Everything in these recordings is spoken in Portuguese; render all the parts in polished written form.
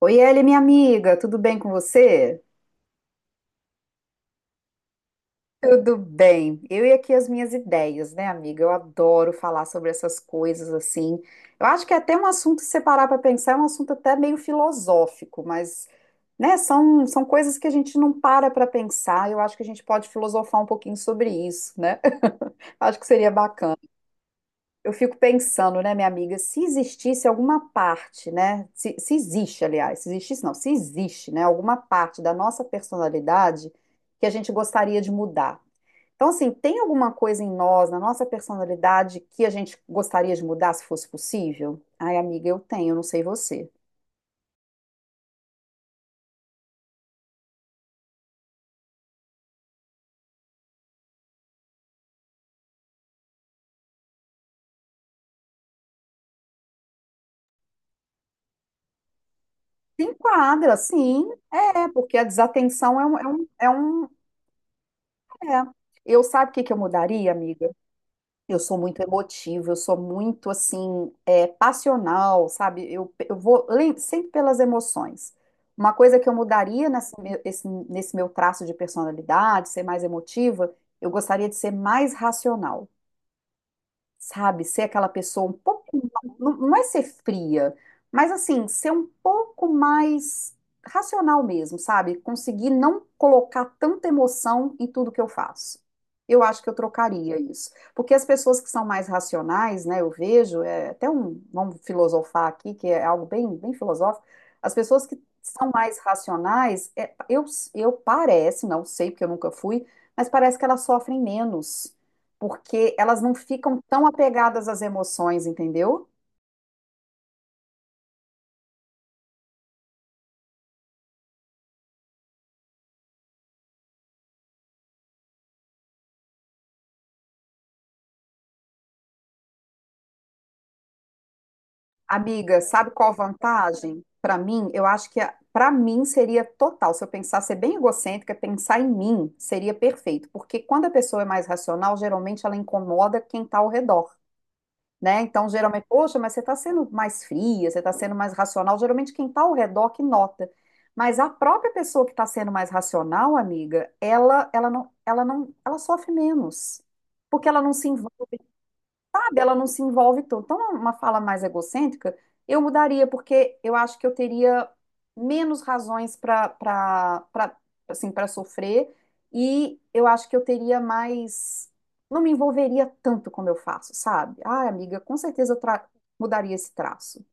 Oi, Eli, minha amiga, tudo bem com você? Tudo bem. Eu e aqui as minhas ideias, né, amiga? Eu adoro falar sobre essas coisas assim. Eu acho que é até um assunto, se separar para pensar, é um assunto até meio filosófico, mas, né, são coisas que a gente não para para pensar. Eu acho que a gente pode filosofar um pouquinho sobre isso, né? Acho que seria bacana. Eu fico pensando, né, minha amiga, se existisse alguma parte, né? Se existe, aliás, se existisse, não, se existe, né, alguma parte da nossa personalidade que a gente gostaria de mudar. Então, assim, tem alguma coisa em nós, na nossa personalidade, que a gente gostaria de mudar se fosse possível? Ai, amiga, eu tenho, não sei você. Se enquadra, sim, é, porque a desatenção é um- é. Eu sabe o que que eu mudaria, amiga? Eu sou muito emotiva, eu sou muito assim, é, passional, sabe? Eu sempre pelas emoções. Uma coisa que eu mudaria nesse meu traço de personalidade, ser mais emotiva, eu gostaria de ser mais racional sabe? Ser aquela pessoa um pouco, não é ser fria, mas assim, ser um pouco mais racional mesmo, sabe? Conseguir não colocar tanta emoção em tudo que eu faço. Eu acho que eu trocaria isso. Porque as pessoas que são mais racionais, né, eu vejo, é até um, vamos filosofar aqui, que é algo bem, bem filosófico, as pessoas que são mais racionais, é, eu parece, não sei porque eu nunca fui, mas parece que elas sofrem menos porque elas não ficam tão apegadas às emoções, entendeu? Amiga, sabe qual a vantagem? Para mim, eu acho que para mim seria total. Se eu pensar ser bem egocêntrica, pensar em mim seria perfeito, porque quando a pessoa é mais racional, geralmente ela incomoda quem está ao redor, né? Então, geralmente, poxa, mas você está sendo mais fria, você está sendo mais racional. Geralmente, quem está ao redor que nota. Mas a própria pessoa que está sendo mais racional, amiga, ela não, ela não, ela sofre menos, porque ela não se envolve sabe? Ela não se envolve tanto. Então, uma fala mais egocêntrica, eu mudaria, porque eu acho que eu teria menos razões para assim, para sofrer e eu acho que eu teria mais não me envolveria tanto como eu faço, sabe? Ah, amiga, com certeza mudaria esse traço.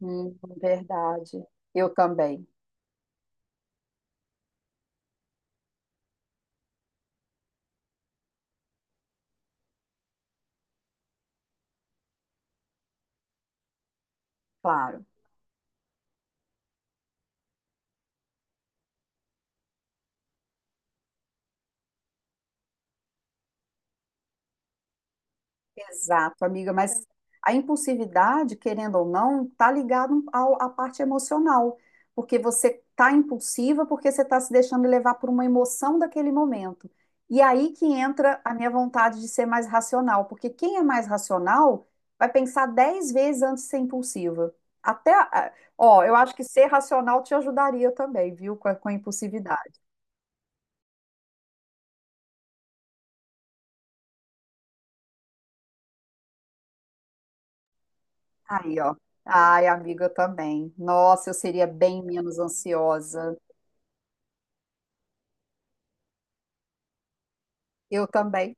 Verdade. Eu também, claro. Exato, amiga, mas a impulsividade, querendo ou não, está ligada ao- à parte emocional, porque você está impulsiva porque você está se deixando levar por uma emoção daquele momento. E aí que entra a minha vontade de ser mais racional, porque quem é mais racional vai pensar 10 vezes antes de ser impulsiva. Até, ah, ó, eu acho que ser racional te ajudaria também, viu, com a impulsividade. Aí, ó. Ai, amiga, eu também. Nossa, eu seria bem menos ansiosa. Eu também.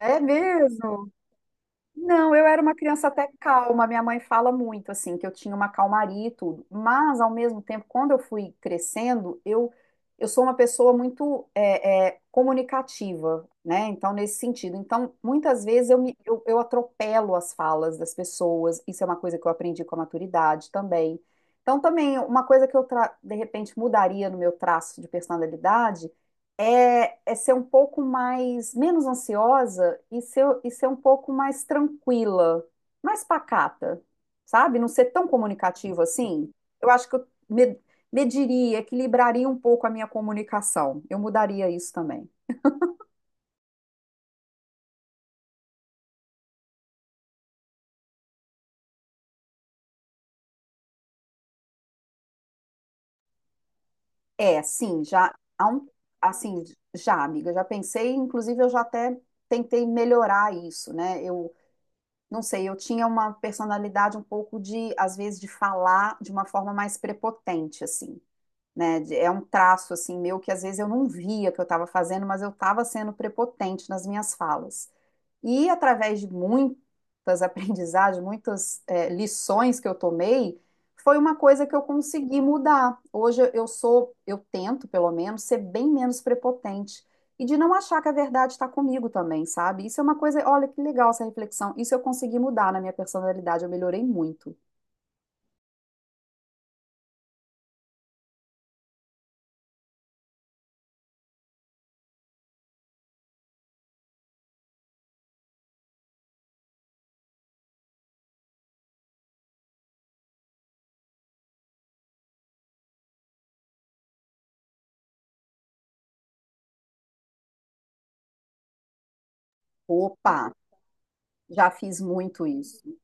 É mesmo? Não, eu era uma criança até calma. Minha mãe fala muito assim que eu tinha uma calmaria e tudo. Mas ao mesmo tempo, quando eu fui crescendo, eu sou uma pessoa muito é, é, comunicativa, né? Então nesse sentido, então muitas vezes eu atropelo as falas das pessoas. Isso é uma coisa que eu aprendi com a maturidade também. Então também uma coisa que de repente mudaria no meu traço de personalidade é, é ser um pouco mais, menos ansiosa e ser um pouco mais tranquila, mais pacata, sabe? Não ser tão comunicativa assim. Eu acho que mediria, equilibraria um pouco a minha comunicação. Eu mudaria isso também. É, sim, já há um, assim, já, amiga, já pensei, inclusive eu já até tentei melhorar isso, né? Eu não sei, eu tinha uma personalidade um pouco de, às vezes, de falar de uma forma mais prepotente, assim. É um traço assim meu que às vezes eu não via que eu estava fazendo, mas eu estava sendo prepotente nas minhas falas. E através de muitas aprendizagens, muitas lições que eu tomei, foi uma coisa que eu consegui mudar. Hoje eu sou, eu tento pelo menos ser bem menos prepotente e de não achar que a verdade está comigo também, sabe? Isso é uma coisa, olha que legal essa reflexão. Isso eu consegui mudar na minha personalidade, eu melhorei muito. Opa, já fiz muito isso.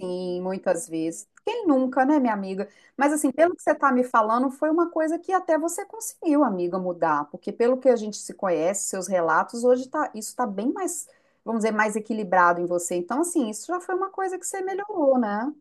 Sim, muitas vezes. Quem nunca, né, minha amiga? Mas assim, pelo que você está me falando, foi uma coisa que até você conseguiu, amiga, mudar, porque pelo que a gente se conhece, seus relatos, hoje tá, isso está bem mais, vamos dizer, mais equilibrado em você. Então, assim, isso já foi uma coisa que você melhorou, né?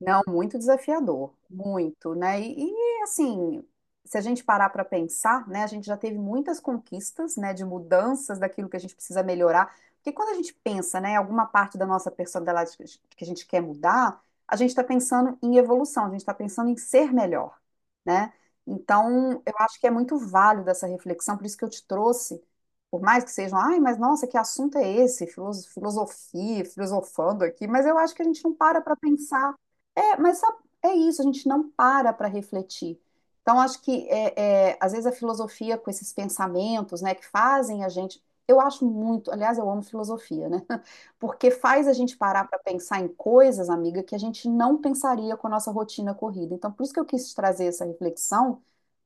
Não, muito desafiador, muito, né? E, assim, se a gente parar para pensar, né, a gente já teve muitas conquistas, né, de mudanças daquilo que a gente precisa melhorar, porque quando a gente pensa, né, em alguma parte da nossa personalidade que a gente quer mudar, a gente está pensando em evolução, a gente está pensando em ser melhor, né? Então, eu acho que é muito válido essa reflexão, por isso que eu te trouxe, por mais que sejam, ai, mas nossa, que assunto é esse? Filosofia, filosofando aqui, mas eu acho que a gente não para para pensar é, mas sabe, é isso, a gente não para para refletir. Então, acho que, é, é, às vezes, a filosofia com esses pensamentos, né, que fazem a gente. Eu acho muito, aliás, eu amo filosofia, né? Porque faz a gente parar para pensar em coisas, amiga, que a gente não pensaria com a nossa rotina corrida. Então, por isso que eu quis trazer essa reflexão,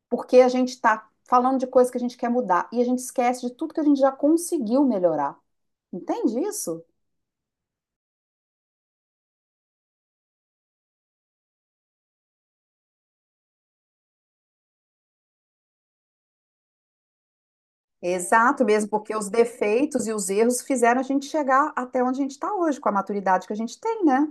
porque a gente está falando de coisas que a gente quer mudar e a gente esquece de tudo que a gente já conseguiu melhorar. Entende isso? Exato mesmo, porque os defeitos e os erros fizeram a gente chegar até onde a gente está hoje, com a maturidade que a gente tem, né?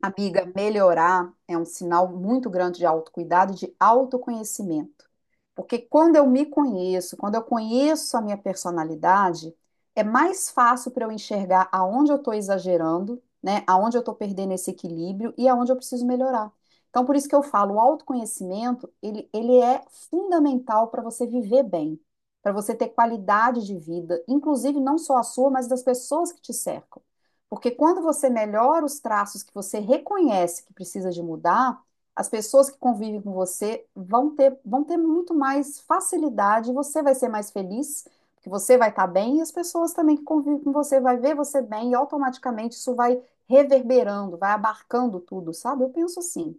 Amiga, melhorar é um sinal muito grande de autocuidado, e de autoconhecimento. Porque quando eu me conheço, quando eu conheço a minha personalidade, é mais fácil para eu enxergar aonde eu estou exagerando, né? Aonde eu estou perdendo esse equilíbrio e aonde eu preciso melhorar. Então, por isso que eu falo, o autoconhecimento, ele é fundamental para você viver bem, para você ter qualidade de vida, inclusive não só a sua, mas das pessoas que te cercam. Porque quando você melhora os traços que você reconhece que precisa de mudar, as pessoas que convivem com você vão ter muito mais facilidade, você vai ser mais feliz, porque você vai estar bem, e as pessoas também que convivem com você vai ver você bem, e automaticamente isso vai reverberando, vai abarcando tudo, sabe? Eu penso assim.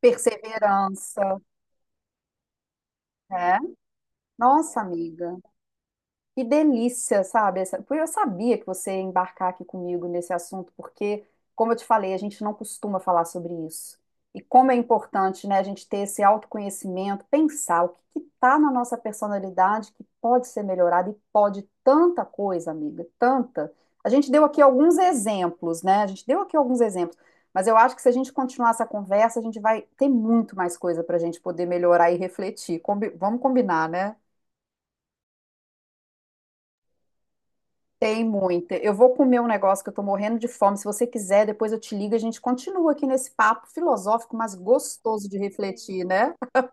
Perseverança, né? Nossa, amiga. Que delícia, sabe? Essa- Porque eu sabia que você ia embarcar aqui comigo nesse assunto, porque, como eu te falei, a gente não costuma falar sobre isso. E como é importante, né, a gente ter esse autoconhecimento, pensar o que está na nossa personalidade que pode ser melhorado e pode tanta coisa, amiga, tanta. A gente deu aqui alguns exemplos, né? A gente deu aqui alguns exemplos, mas eu acho que se a gente continuar essa conversa, a gente vai ter muito mais coisa para a gente poder melhorar e refletir. Vamos combinar, né? Tem muita. Eu vou comer um negócio que eu tô morrendo de fome. Se você quiser, depois eu te ligo e a gente continua aqui nesse papo filosófico, mas gostoso de refletir, né?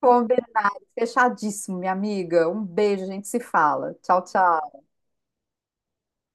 Combinado, fechadíssimo, minha amiga. Um beijo, a gente se fala. Tchau, tchau.